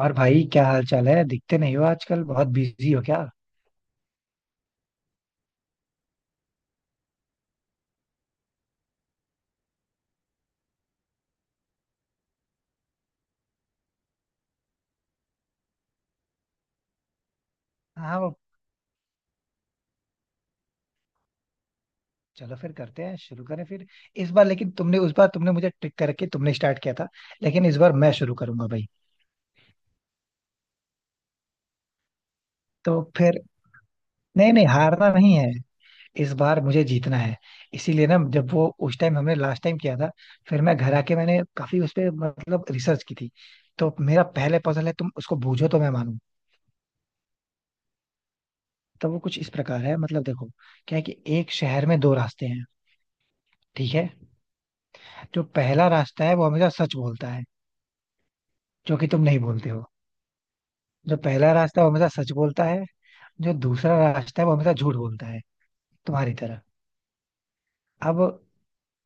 और भाई क्या हाल चाल है? दिखते नहीं हो आजकल, बहुत बिजी हो क्या? हाँ वो, चलो फिर करते हैं, शुरू करें फिर। इस बार लेकिन तुमने, उस बार तुमने मुझे ट्रिक करके तुमने स्टार्ट किया था, लेकिन इस बार मैं शुरू करूंगा भाई। तो फिर, नहीं नहीं, हारना नहीं है, इस बार मुझे जीतना है। इसीलिए ना, जब वो उस टाइम हमने लास्ट टाइम किया था, फिर मैं घर आके मैंने काफी उस पे मतलब रिसर्च की थी। तो मेरा पहले पजल है, तुम उसको बूझो तो मैं मानूं। तो वो कुछ इस प्रकार है, मतलब देखो, क्या है कि एक शहर में दो रास्ते हैं। ठीक है। जो पहला रास्ता है वो हमेशा सच बोलता है, जो कि तुम नहीं बोलते हो। जो पहला रास्ता है वो हमेशा सच बोलता है, जो दूसरा रास्ता है वो हमेशा झूठ बोलता है, तुम्हारी तरह। अब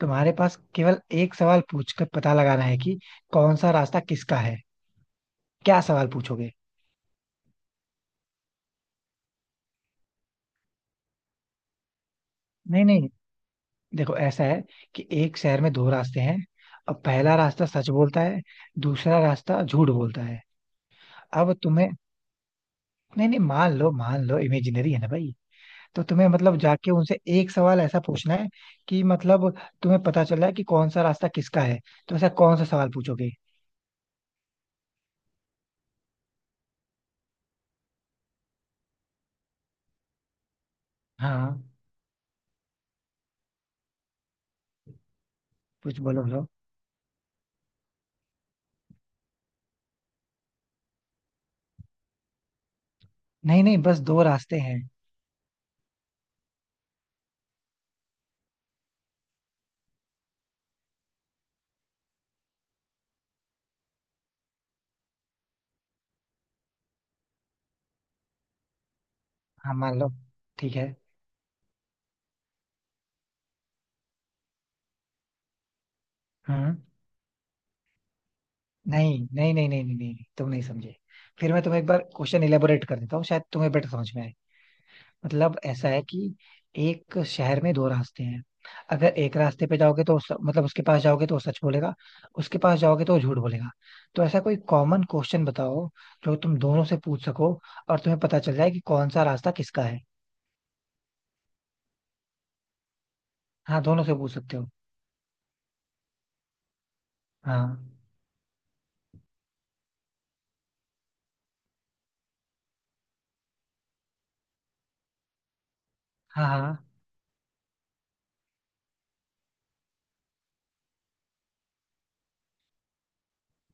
तुम्हारे पास केवल एक सवाल पूछकर पता लगाना है कि कौन सा रास्ता किसका है। क्या सवाल पूछोगे? नहीं नहीं, देखो ऐसा है कि एक शहर में दो रास्ते हैं। अब पहला रास्ता सच बोलता है, दूसरा रास्ता झूठ बोलता है। अब तुम्हें, नहीं नहीं, मान लो मान लो, इमेजिनरी है ना भाई। तो तुम्हें मतलब जाके उनसे एक सवाल ऐसा पूछना है कि मतलब, तुम्हें पता चला है कि कौन सा रास्ता किसका है। तो ऐसा कौन सा सवाल पूछोगे? हाँ, कुछ बोलो बोलो। नहीं नहीं, बस दो रास्ते हैं। हाँ मान लो। ठीक है। हम्म। नहीं नहीं नहीं नहीं नहीं नहीं, नहीं, तुम नहीं समझे। फिर मैं तुम्हें एक बार क्वेश्चन इलेबोरेट कर देता हूँ, शायद तुम्हें बेटर समझ में आए। मतलब ऐसा है कि एक शहर में दो रास्ते हैं। अगर एक रास्ते पे जाओगे तो मतलब उसके पास जाओगे तो वो सच बोलेगा, उसके पास जाओगे तो वो झूठ बोलेगा। तो ऐसा कोई कॉमन क्वेश्चन बताओ जो तुम दोनों से पूछ सको और तुम्हें पता चल जाए कि कौन सा रास्ता किसका है। हाँ, दोनों से पूछ सकते हो। हाँ हाँ हाँ।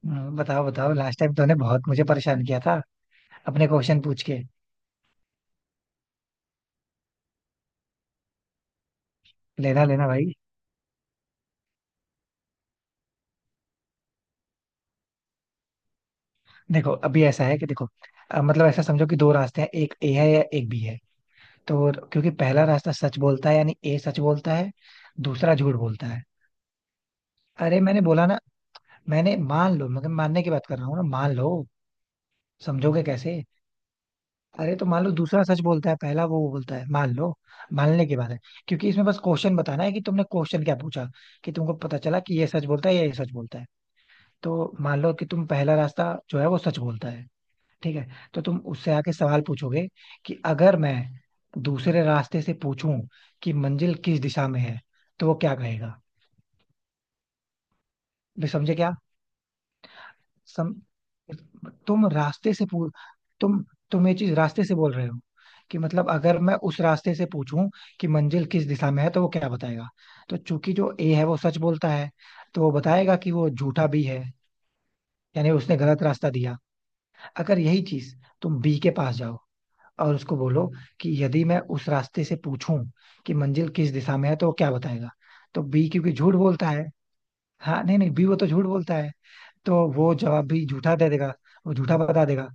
बताओ बताओ, लास्ट टाइम तुमने बहुत मुझे परेशान किया था, अपने क्वेश्चन पूछ के। लेना लेना भाई। देखो अभी ऐसा है कि देखो, मतलब ऐसा समझो कि दो रास्ते हैं, एक ए है या एक बी है। तो क्योंकि पहला रास्ता सच बोलता है, यानी ए सच बोलता है, दूसरा झूठ बोलता है। अरे मैंने बोला ना, मैंने मान लो, मगर मानने की बात कर रहा हूँ ना, मान लो। समझोगे कैसे? अरे तो मान लो दूसरा सच बोलता है, पहला वो बोलता है, मान लो। मानने की बात है। क्योंकि इसमें बस क्वेश्चन बताना है कि तुमने क्वेश्चन क्या पूछा कि तुमको पता चला कि ये सच बोलता है या ये सच बोलता है। तो मान लो कि तुम पहला रास्ता जो है वो सच बोलता है। ठीक है। तो तुम उससे आके सवाल पूछोगे कि अगर मैं दूसरे रास्ते से पूछूं कि मंजिल किस दिशा में है तो वो क्या कहेगा? भी समझे क्या? सम तुम रास्ते से पू तुम तुम ये चीज रास्ते से बोल रहे हो कि मतलब अगर मैं उस रास्ते से पूछूं कि मंजिल किस दिशा में है तो वो क्या बताएगा। तो चूंकि जो ए है वो सच बोलता है, तो वो बताएगा कि वो झूठा भी है। यानी उसने गलत रास्ता दिया। अगर यही चीज तुम बी के पास जाओ और उसको बोलो कि यदि मैं उस रास्ते से पूछूं कि मंजिल किस दिशा में है तो वो क्या बताएगा। तो बी क्योंकि झूठ बोलता है, हाँ नहीं नहीं, बी वो तो झूठ बोलता है, तो वो जवाब भी झूठा दे देगा, वो झूठा बता देगा।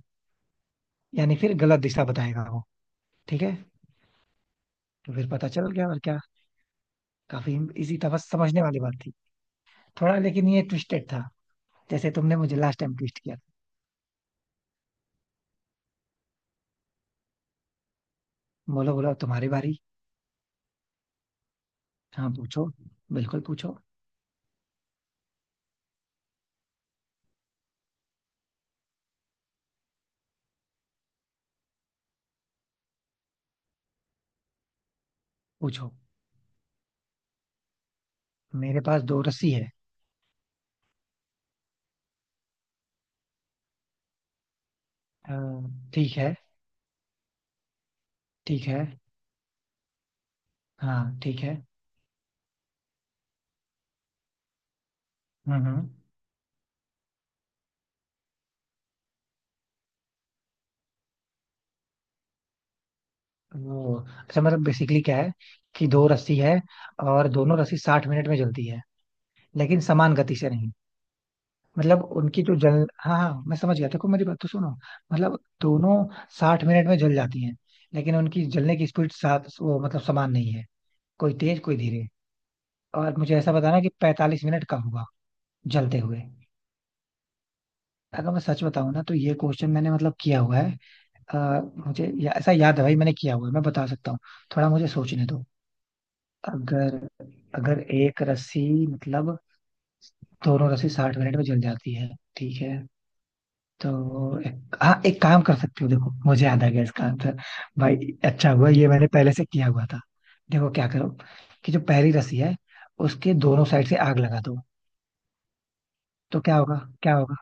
यानी फिर गलत दिशा बताएगा वो। ठीक है। तो फिर पता चल गया और क्या। काफी इजी था, बस समझने वाली बात थी थोड़ा, लेकिन ये ट्विस्टेड था, जैसे तुमने मुझे लास्ट टाइम ट्विस्ट किया था। बोलो बोलो, तुम्हारी बारी। हाँ पूछो, बिल्कुल पूछो। पूछो। मेरे पास दो रस्सी है। अ, ठीक है। ठीक है। हाँ ठीक है। हम्म। वो अच्छा, मतलब बेसिकली क्या है कि दो रस्सी है और दोनों रस्सी साठ मिनट में जलती है लेकिन समान गति से नहीं। मतलब उनकी जो जल, हाँ हाँ मैं समझ गया, देखो मेरी बात तो सुनो। मतलब दोनों साठ मिनट में जल जाती हैं, लेकिन उनकी जलने की स्पीड साथ वो मतलब समान नहीं है, कोई तेज कोई धीरे। और मुझे ऐसा बताना कि पैंतालीस मिनट कब हुआ, जलते हुए। अगर मैं सच बताऊं ना, तो ये क्वेश्चन मैंने मतलब किया हुआ है। अ, मुझे ऐसा याद है भाई, मैंने किया हुआ है, मैं बता सकता हूँ। थोड़ा मुझे सोचने दो। अगर, एक रस्सी मतलब, दोनों रस्सी साठ मिनट में जल जाती है ठीक है। तो हाँ एक काम कर सकती हो, देखो मुझे याद आ गया इसका आंसर भाई। अच्छा हुआ ये मैंने पहले से किया हुआ था। देखो क्या करो कि जो पहली रस्सी है उसके दोनों साइड से आग लगा दो। तो क्या होगा? क्या होगा?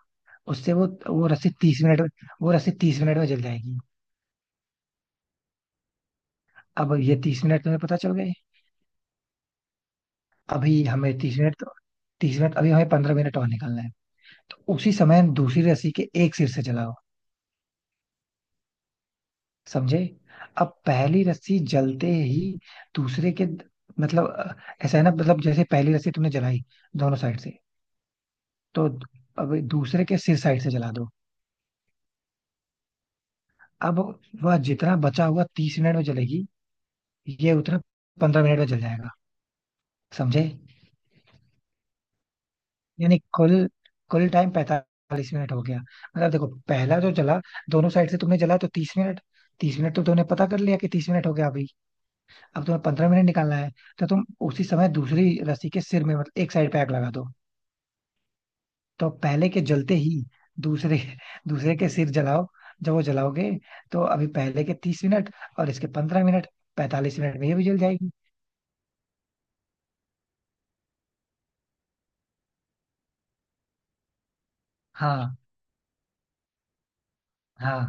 उससे वो रस्सी तीस मिनट में, वो रस्सी तीस मिनट में जल जाएगी। अब ये तीस मिनट तुम्हें पता चल गए। अभी हमें तीस मिनट, तीस मिनट, अभी हमें पंद्रह मिनट और निकालना है। तो उसी समय दूसरी रस्सी के एक सिर से जलाओ। समझे? अब पहली रस्सी जलते ही दूसरे के मतलब, ऐसा है ना, मतलब जैसे पहली रस्सी तुमने जलाई दोनों साइड से, तो अब दूसरे के सिर साइड से जला दो। अब वह जितना बचा हुआ तीस मिनट में जलेगी, ये उतना पंद्रह मिनट में जल जाएगा। समझे? यानी कुल, कुल टाइम पैंतालीस मिनट हो गया। मतलब देखो, पहला जो जला दोनों साइड से तुमने जला, तो तीस मिनट, तीस मिनट तो तुमने पता कर लिया कि तीस मिनट हो गया अभी। अब तुम्हें पंद्रह मिनट निकालना है, तो तुम उसी समय दूसरी रस्सी के सिर में मतलब एक साइड पे आग लगा दो। तो पहले के जलते ही दूसरे दूसरे के सिर जलाओ। जब वो जलाओगे तो अभी पहले के तीस मिनट और इसके पंद्रह मिनट, पैंतालीस मिनट में ये भी जल जाएगी। हाँ हाँ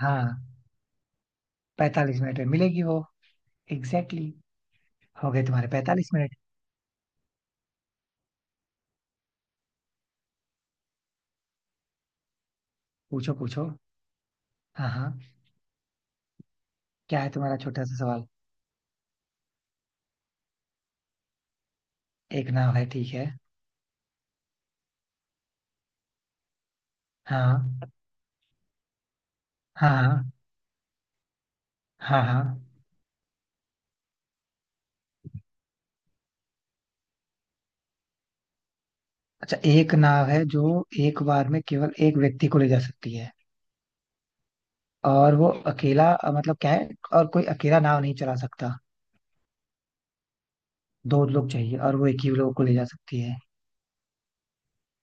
हाँ। पैंतालीस मिनट में मिलेगी वो। Exactly exactly। हो गए तुम्हारे पैंतालीस मिनट। पूछो पूछो। हाँ हाँ। क्या है तुम्हारा छोटा सा सवाल? एक नाव है, ठीक है। हाँ हाँ हाँ हाँ हाँ। अच्छा, एक नाव है जो एक बार में केवल एक व्यक्ति को ले जा सकती है, और वो अकेला मतलब क्या है, और कोई अकेला नाव नहीं चला सकता। दो लोग चाहिए और वो एक ही लोग को ले जा सकती है।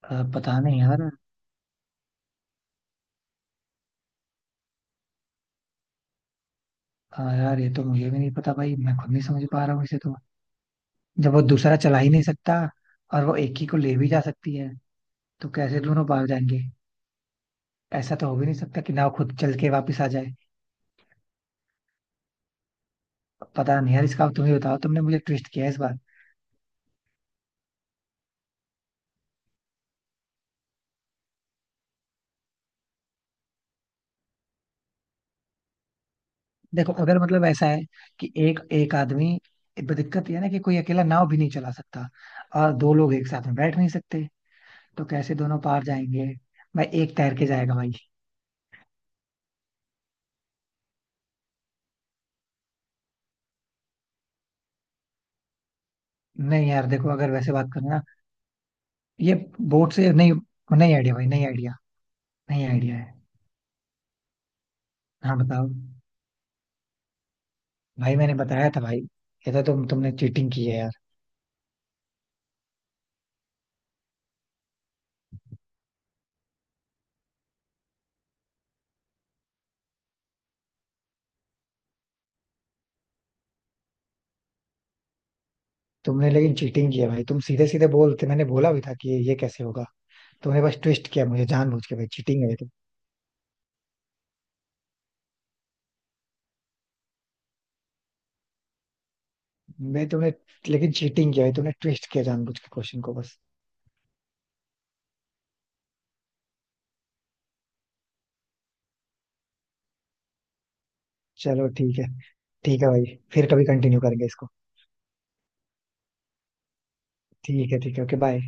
पता नहीं यार। यार ये तो मुझे भी नहीं पता भाई, मैं खुद नहीं समझ पा रहा हूँ इसे तो। जब वो दूसरा चला ही नहीं सकता और वो एक ही को ले भी जा सकती है, तो कैसे दोनों पार जाएंगे? ऐसा तो हो भी नहीं सकता कि नाव खुद चल के वापस आ जाए। पता नहीं यार, इसका तुम ही बताओ, तुमने मुझे ट्विस्ट किया है इस बार। देखो अगर मतलब ऐसा है कि एक एक आदमी, दिक्कत यह है ना कि कोई अकेला नाव भी नहीं चला सकता और दो लोग एक साथ में बैठ नहीं सकते, तो कैसे दोनों पार जाएंगे? भाई एक तैर के जाएगा भाई। नहीं यार, देखो अगर वैसे बात करें ना, ये बोट से नहीं, नहीं आइडिया भाई, नहीं आइडिया, नहीं आइडिया है। हाँ बताओ। भाई मैंने बताया था भाई, ये तो तुमने चीटिंग की है यार। तुमने लेकिन चीटिंग की है भाई, तुम सीधे सीधे बोलते, मैंने बोला भी था कि ये कैसे होगा। तुमने बस ट्विस्ट किया मुझे जानबूझ के, भाई चीटिंग है। मैं तुमने लेकिन चीटिंग किया है, तुमने ट्विस्ट किया जानबूझ के क्वेश्चन को बस। चलो ठीक है। ठीक है भाई, फिर कभी कंटिन्यू करेंगे इसको। ठीक है ठीक है, ओके बाय।